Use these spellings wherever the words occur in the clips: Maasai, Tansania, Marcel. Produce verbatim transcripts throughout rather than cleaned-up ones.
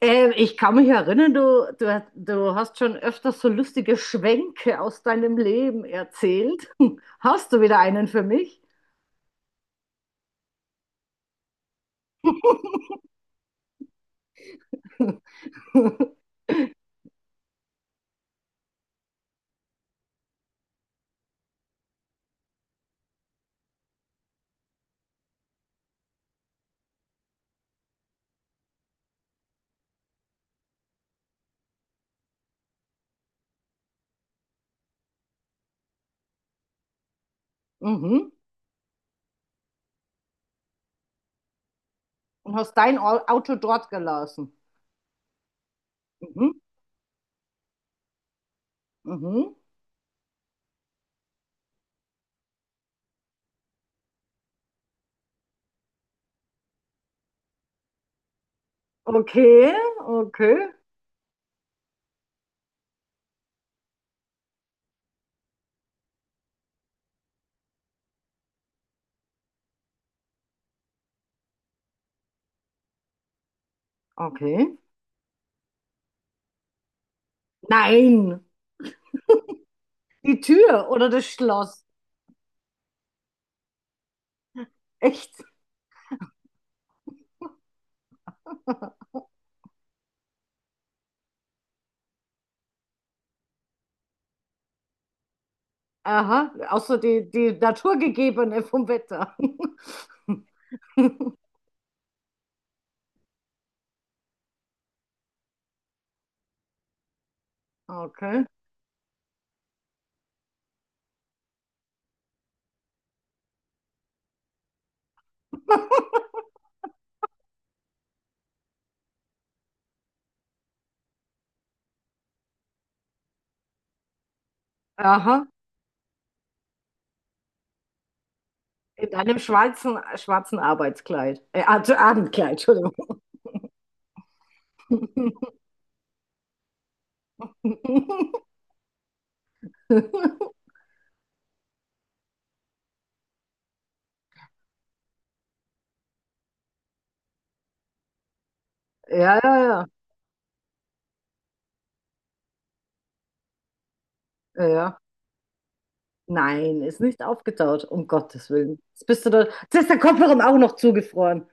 Ähm, ich kann mich erinnern, du, du, du hast schon öfters so lustige Schwenke aus deinem Leben erzählt. Hast du wieder einen für mich? Mhm. Und hast dein Au- Auto dort gelassen. Mhm. Mhm. Okay, okay, okay. Nein, die Tür oder das Schloss. Echt? Aha, außer die, die naturgegebene vom Wetter. Okay. Aha, in deinem schwarzen, schwarzen Arbeitskleid. Äh, Ab- Abendkleid, Entschuldigung. Ja, ja, ja, ja. ja. Nein, ist nicht aufgetaut, um Gottes Willen. Jetzt bist du da. Jetzt ist der Kofferraum auch noch zugefroren.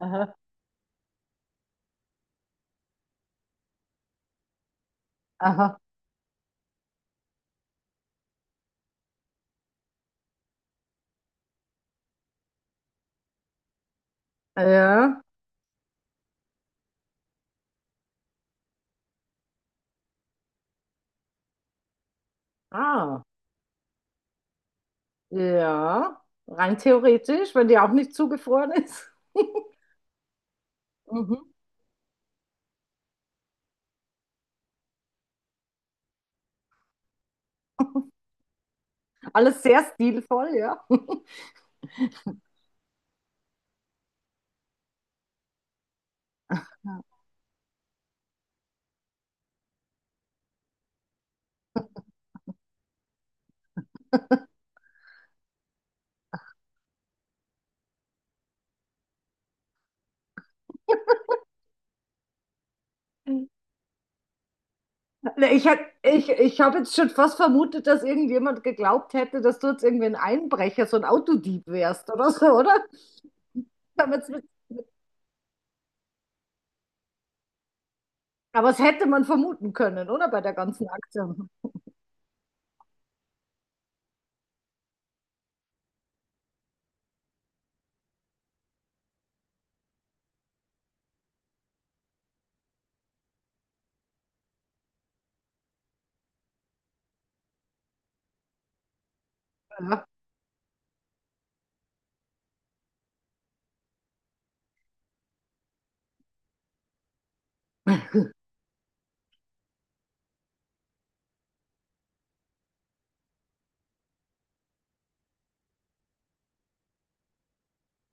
Aha, aha. Ja. Ah, ja. Rein theoretisch, wenn die auch nicht zugefroren ist. Mhm. Alles sehr stilvoll, ja. Na, Ich, hätt- ich, ich habe jetzt schon fast vermutet, dass irgendjemand geglaubt hätte, dass du jetzt irgendwie ein Einbrecher, so ein Autodieb wärst oder so, oder? Aber es aber es hätte man vermuten können, oder? Bei der ganzen Aktion. Ja,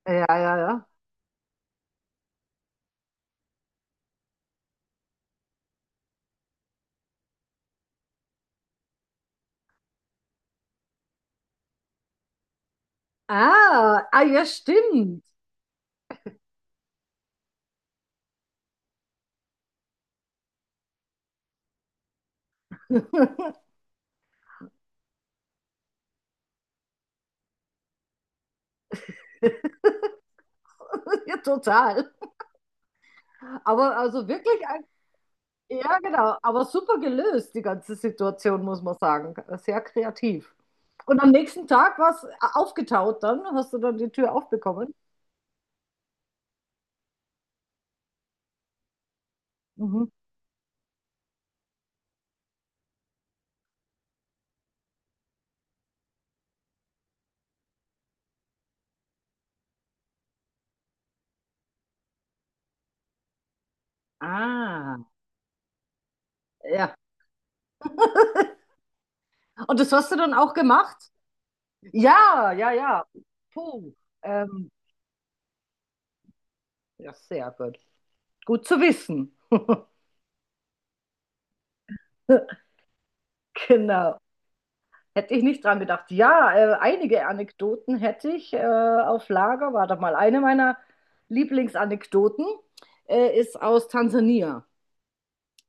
ja, ja. ja. Ah, ah, ja, stimmt. Ja, total. Aber also wirklich, ein- ja, genau. Aber super gelöst, die ganze Situation, muss man sagen. Sehr kreativ. Und am nächsten Tag war es aufgetaut dann? Hast du dann die Tür aufbekommen? Mhm. Ah. Ja. Und das hast du dann auch gemacht? Ja, ja, ja. Puh. Ähm, ja, sehr gut. Gut zu wissen. Genau. Hätte ich nicht dran gedacht. Ja, äh, einige Anekdoten hätte ich äh, auf Lager. Warte mal, eine meiner Lieblingsanekdoten äh, ist aus Tansania.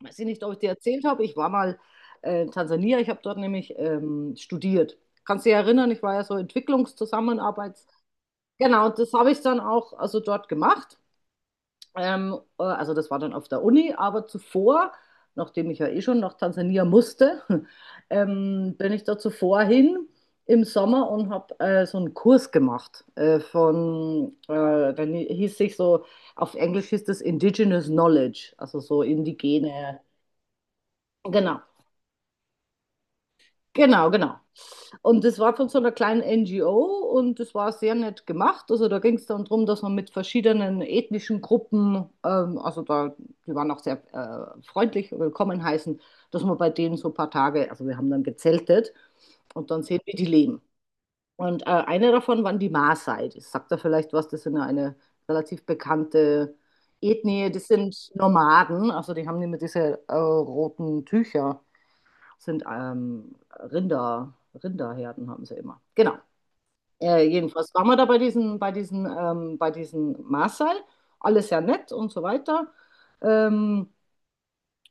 Weiß ich nicht, ob ich dir erzählt habe. Ich war mal äh, in Tansania. Ich habe dort nämlich ähm, studiert. Kannst du dich erinnern, ich war ja so Entwicklungszusammenarbeits. Genau, und das habe ich dann auch also dort gemacht. Ähm, äh, also das war dann auf der Uni, aber zuvor, nachdem ich ja eh schon nach Tansania musste, ähm, bin ich da zuvor hin im Sommer und habe äh, so einen Kurs gemacht äh, von, äh, dann hieß sich so, auf Englisch hieß das Indigenous Knowledge, also so indigene, genau. Genau, genau. Und das war von so einer kleinen N G O und das war sehr nett gemacht. Also da ging es dann darum, dass man mit verschiedenen ethnischen Gruppen, ähm, also da, die waren auch sehr äh, freundlich, willkommen heißen, dass man bei denen so ein paar Tage, also wir haben dann gezeltet und dann sehen, wie die leben. Und äh, eine davon waren die Maasai. Das sagt da vielleicht was, das sind ja eine relativ bekannte Ethnie, das sind Nomaden, also die haben immer diese äh, roten Tücher sind ähm, Rinder, Rinderherden haben sie immer. Genau. Äh, jedenfalls waren wir da bei diesen, bei diesen, ähm, bei diesen Maasai. Alles ja nett und so weiter. Ähm,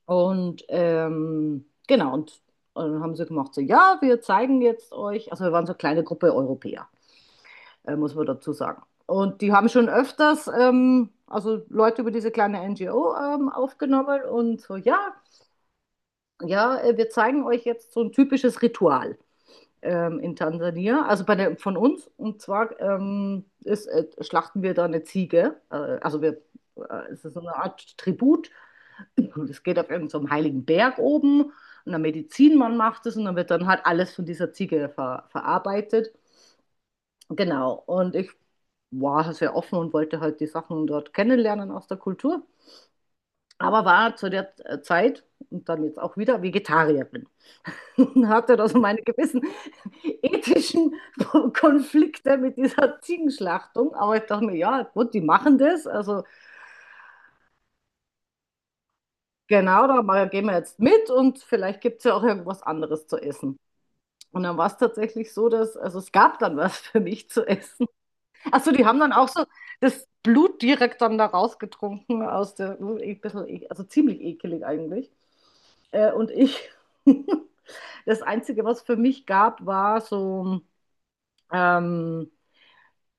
und ähm, genau, und, und dann haben sie gemacht, so, ja, wir zeigen jetzt euch, also wir waren so eine kleine Gruppe Europäer, äh, muss man dazu sagen. Und die haben schon öfters, ähm, also Leute über diese kleine N G O ähm, aufgenommen und so, ja, ja, äh, wir zeigen euch jetzt so ein typisches Ritual. Ähm, in Tansania, also bei der, von uns. Und zwar ähm, ist, äh, schlachten wir da eine Ziege. Äh, also wir, äh, es ist so eine Art Tribut. Das geht auf irgendeinem so einen heiligen Berg oben. Und der Medizinmann macht es und dann wird dann halt alles von dieser Ziege ver, verarbeitet. Genau. Und ich war halt sehr offen und wollte halt die Sachen dort kennenlernen aus der Kultur. Aber war zu der äh, Zeit und dann jetzt auch wieder Vegetarierin. Hatte also meine gewissen ethischen Konflikte mit dieser Ziegenschlachtung. Aber ich dachte mir, ja, gut, die machen das. Also genau, da gehen wir jetzt mit und vielleicht gibt es ja auch irgendwas anderes zu essen. Und dann war es tatsächlich so, dass, also es gab dann was für mich zu essen. Achso, die haben dann auch so das Blut direkt dann da rausgetrunken aus der, ein bisschen, ek- also ziemlich ekelig eigentlich. Äh, und ich, das Einzige, was für mich gab, war so ähm,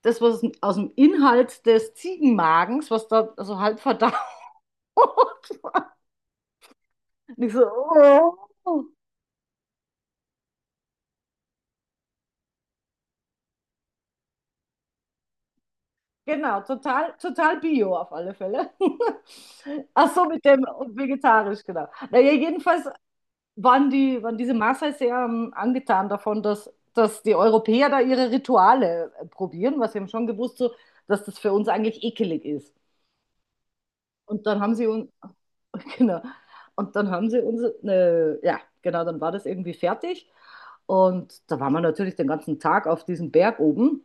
das, was aus dem Inhalt des Ziegenmagens, was da so halb verdaut war. Und ich so, oh. Genau, total, total Bio auf alle Fälle. Ach so, mit dem und vegetarisch, genau. Naja, jedenfalls waren, die, waren diese Maasai sehr ähm, angetan davon, dass, dass die Europäer da ihre Rituale äh, probieren, was wir haben schon gewusst, so, dass das für uns eigentlich ekelig ist. Und dann haben sie uns, genau, und dann haben sie uns, ne, ja, genau, dann war das irgendwie fertig. Und da waren wir natürlich den ganzen Tag auf diesem Berg oben.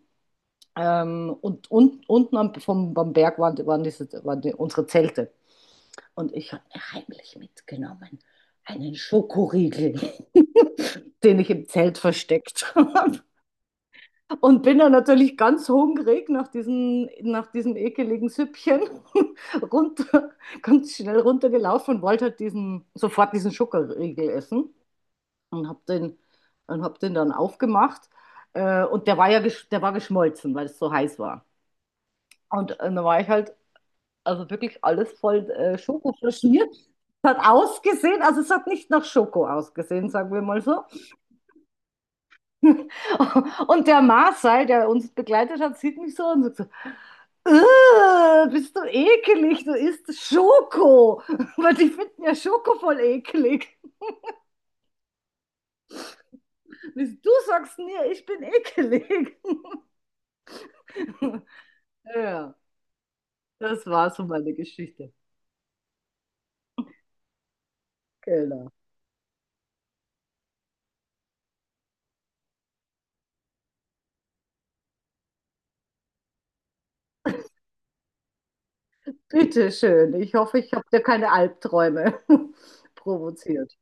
Ähm, und, und unten am, vom, am Berg waren, waren, diese, waren die unsere Zelte. Und ich habe mir heimlich mitgenommen einen Schokoriegel, den ich im Zelt versteckt. habe. Und bin dann natürlich ganz hungrig nach, diesem nach diesem ekeligen Süppchen runter, ganz schnell runtergelaufen und wollte halt diesen, sofort diesen Schokoriegel essen und habe den, und hab den dann aufgemacht. Äh, und der war ja gesch- der war geschmolzen, weil es so heiß war. Und äh, dann war ich halt, also wirklich alles voll äh, Schoko verschmiert. Es hat ausgesehen, also es hat nicht nach Schoko ausgesehen, sagen wir mal so. Und der Marcel, der uns begleitet hat, sieht mich so und sagt so, äh, bist du ekelig, du isst Schoko. Weil die finden ja Schoko voll ekelig. Bis du sagst mir, ich bin ekelig. Ja, das war so meine Geschichte. Genau. Bitte schön. Ich hoffe, ich habe dir keine Albträume provoziert.